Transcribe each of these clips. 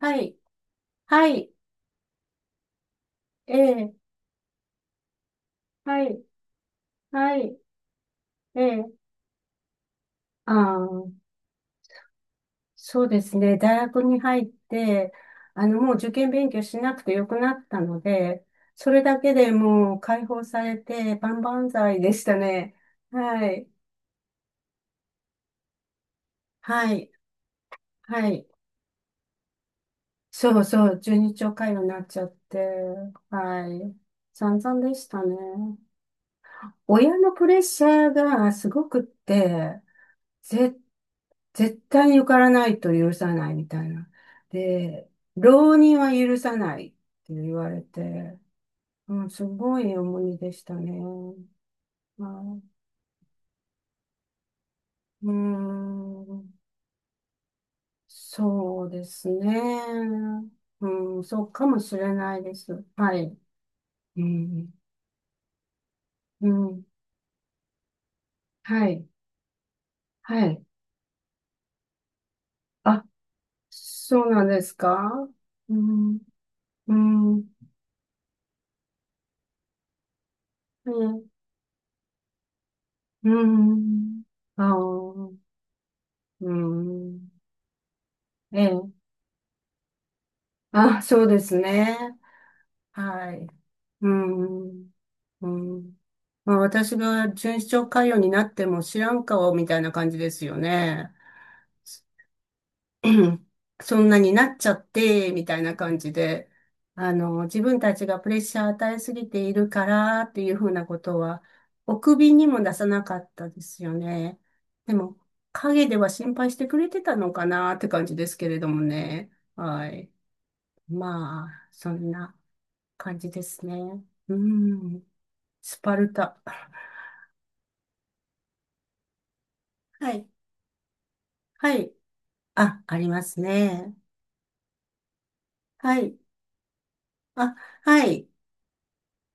はい、はい、ええ、はい、はい、ええ、ああ、そうですね。大学に入って、もう受験勉強しなくてよくなったので、それだけでもう解放されて、万々歳でしたね。はい、はい、はい。そうそう、十二兆回路になっちゃって、はい。散々でしたね。親のプレッシャーがすごくって、ぜ、絶対に受からないと許さないみたいな。で、浪人は許さないって言われて、うん、すごい重荷でしたね。まあ、うーん、そうですね。うん、そうかもしれないです。はい。うん、うん、はい、はい。あ、そうなんですか？うん、うん、うん、うん、ああ、うん。ええ。あ、そうですね。はい。うん。うん。まあ、私が巡視長官僚になっても知らん顔みたいな感じですよね。そんなになっちゃって、みたいな感じで。自分たちがプレッシャー与えすぎているからっていうふうなことは、お首にも出さなかったですよね。でも、陰では心配してくれてたのかなって感じですけれどもね。はい。まあ、そんな。感じですね。うん。スパルタ。はい。はい。あ、ありますね。はい。あ、はい。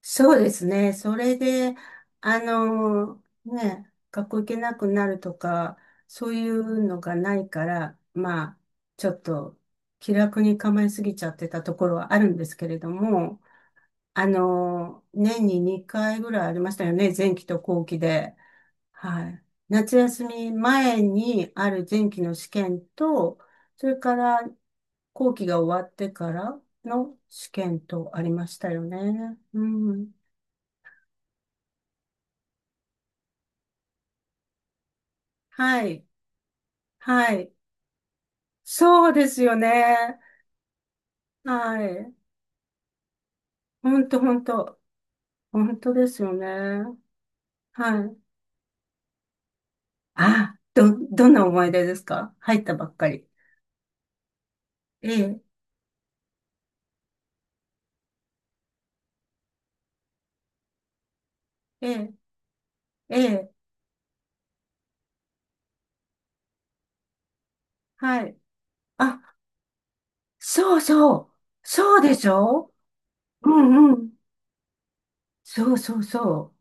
そうですね。それで、ね、学校行けなくなるとか、そういうのがないから、まあ、ちょっと気楽に構えすぎちゃってたところはあるんですけれども、年に2回ぐらいありましたよね。前期と後期で。はい。夏休み前にある前期の試験と、それから後期が終わってからの試験とありましたよね。うん。はい。はい。そうですよね。はい。ほんとほんと。ほんとですよね。はい。あ、どんな思い出ですか？入ったばっかり。ええ、ええ、ええ、はい。あ、そうそう。そうでしょ？うんうん。そうそうそ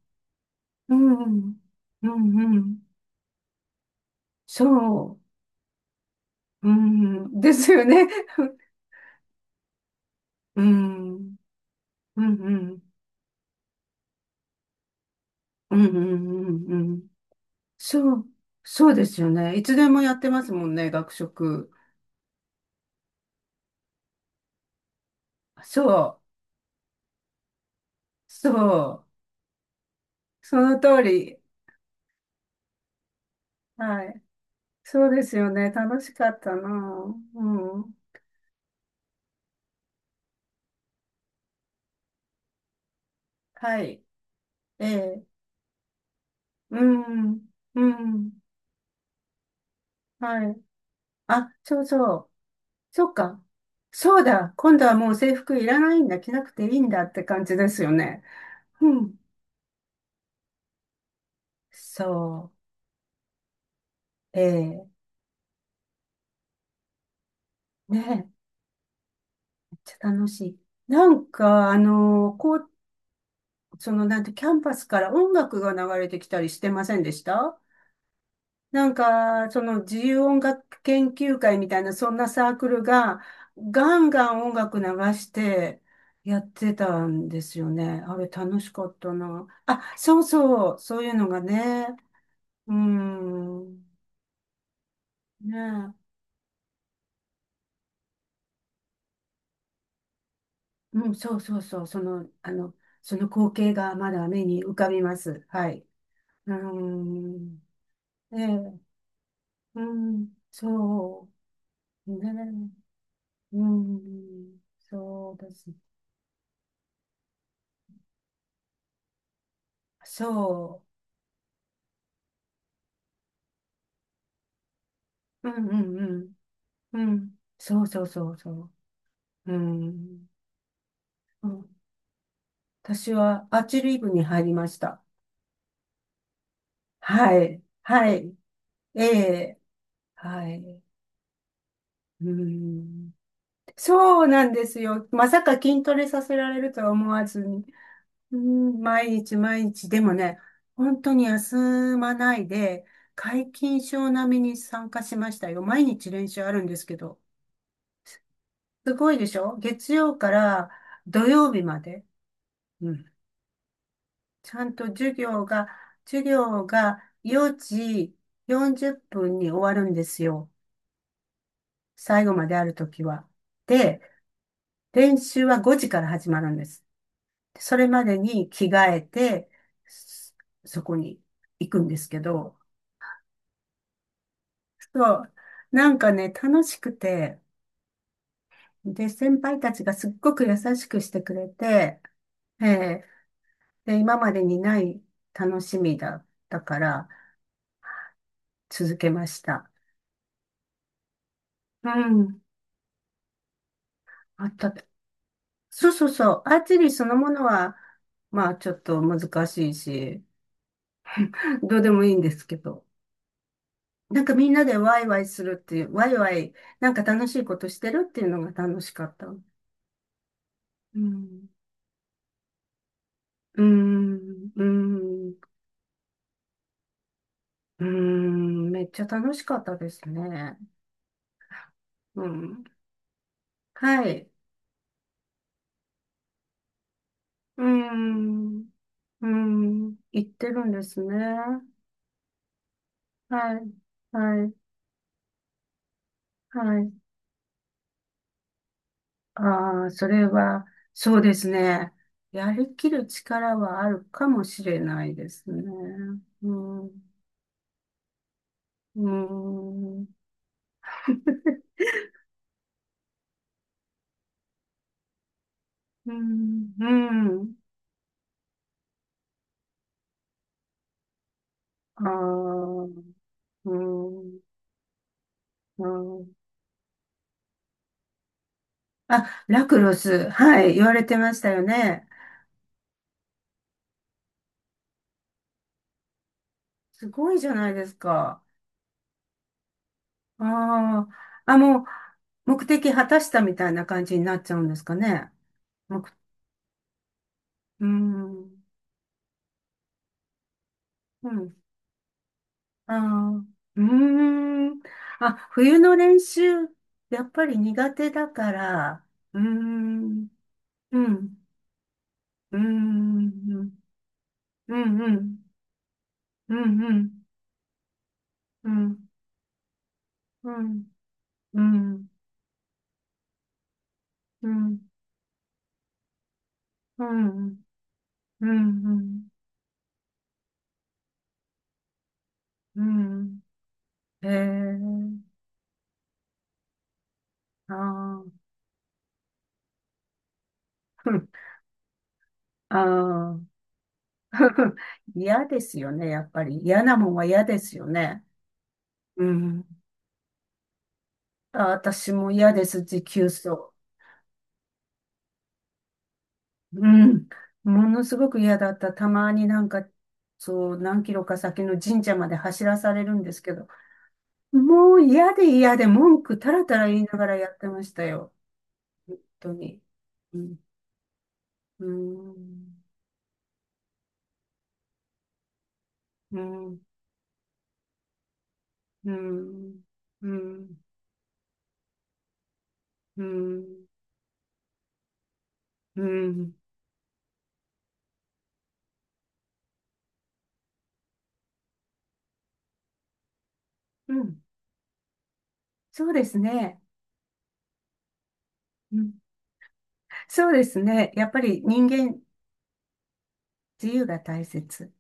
う。うん。うんうん。そう。うん。ですよね。うん。うんうん。うんうんうんうん。そう。そうですよね。いつでもやってますもんね、学食。そう。そう。その通り。はい。そうですよね。楽しかったな。うん。はい。ええ。うん。うん。はい。あ、そうそう。そっか。そうだ。今度はもう制服いらないんだ。着なくていいんだって感じですよね。うん。そう。ええ。ねえ。めっちゃ楽しい。なんか、こう、その、なんて、キャンパスから音楽が流れてきたりしてませんでした？なんか、その自由音楽研究会みたいな、そんなサークルが、ガンガン音楽流して、やってたんですよね。あれ楽しかったな。あ、そうそう、そういうのがね。うーん。ねえ。うん、そうそうそう。その、その光景がまだ目に浮かびます。はい。うーん。ええ、うん、そう。ねえ。うん。そうです。そう。うんうんうん。うん。そうそうそうそう。うん。うん。私はアーチェリー部に入りました。はい。はい。ええ。はい。うん。そうなんですよ。まさか筋トレさせられるとは思わずに。うん、毎日毎日。でもね、本当に休まないで、皆勤賞並みに参加しましたよ。毎日練習あるんですけど。すごいでしょ？月曜から土曜日まで。うん。ちゃんと授業が4時40分に終わるんですよ。最後まであるときは。で、練習は5時から始まるんです。それまでに着替えて、そそこに行くんですけど、そう、なんかね、楽しくて、で、先輩たちがすっごく優しくしてくれて、ええ。で、今までにない楽しみだったから続けました。うん。あった。そうそうそう。アーチェリーそのものは、まあちょっと難しいし、どうでもいいんですけど。なんかみんなでワイワイするっていう、ワイワイ、なんか楽しいことしてるっていうのが楽しかった。うん。うーん、うーん、うーん、めっちゃ楽しかったですね。うん。はい。うーん、うーん、行ってるんですね。はい、はい、はい。ああ、それは、そうですね。やりきる力はあるかもしれないですね。うん、うーん。うん、うん、あー、うん、うん。あ、ラクロス、はい、言われてましたよね。すごいじゃないですか。ああ、あ、もう、目的果たしたみたいな感じになっちゃうんですかね。うーん、うん、あー、うーん。あ、冬の練習、やっぱり苦手だから、うーん、うん、うーん、うん、うん、うん、うん、うん。うん、うん、うん、うん、うん、うん、うん。へえ、ああ、ああ、嫌ですよね、やっぱり。嫌なもんは嫌ですよね。うん。あ、私も嫌です、持久走。うん。ものすごく嫌だった。たまになんか、そう、何キロか先の神社まで走らされるんですけど、もう嫌で嫌で文句たらたら言いながらやってましたよ。本当に。うん。うーん、うーん、うーん、うーん、うーん、うーん、うん。そうですね。うん。そうですね。やっぱり人間、自由が大切。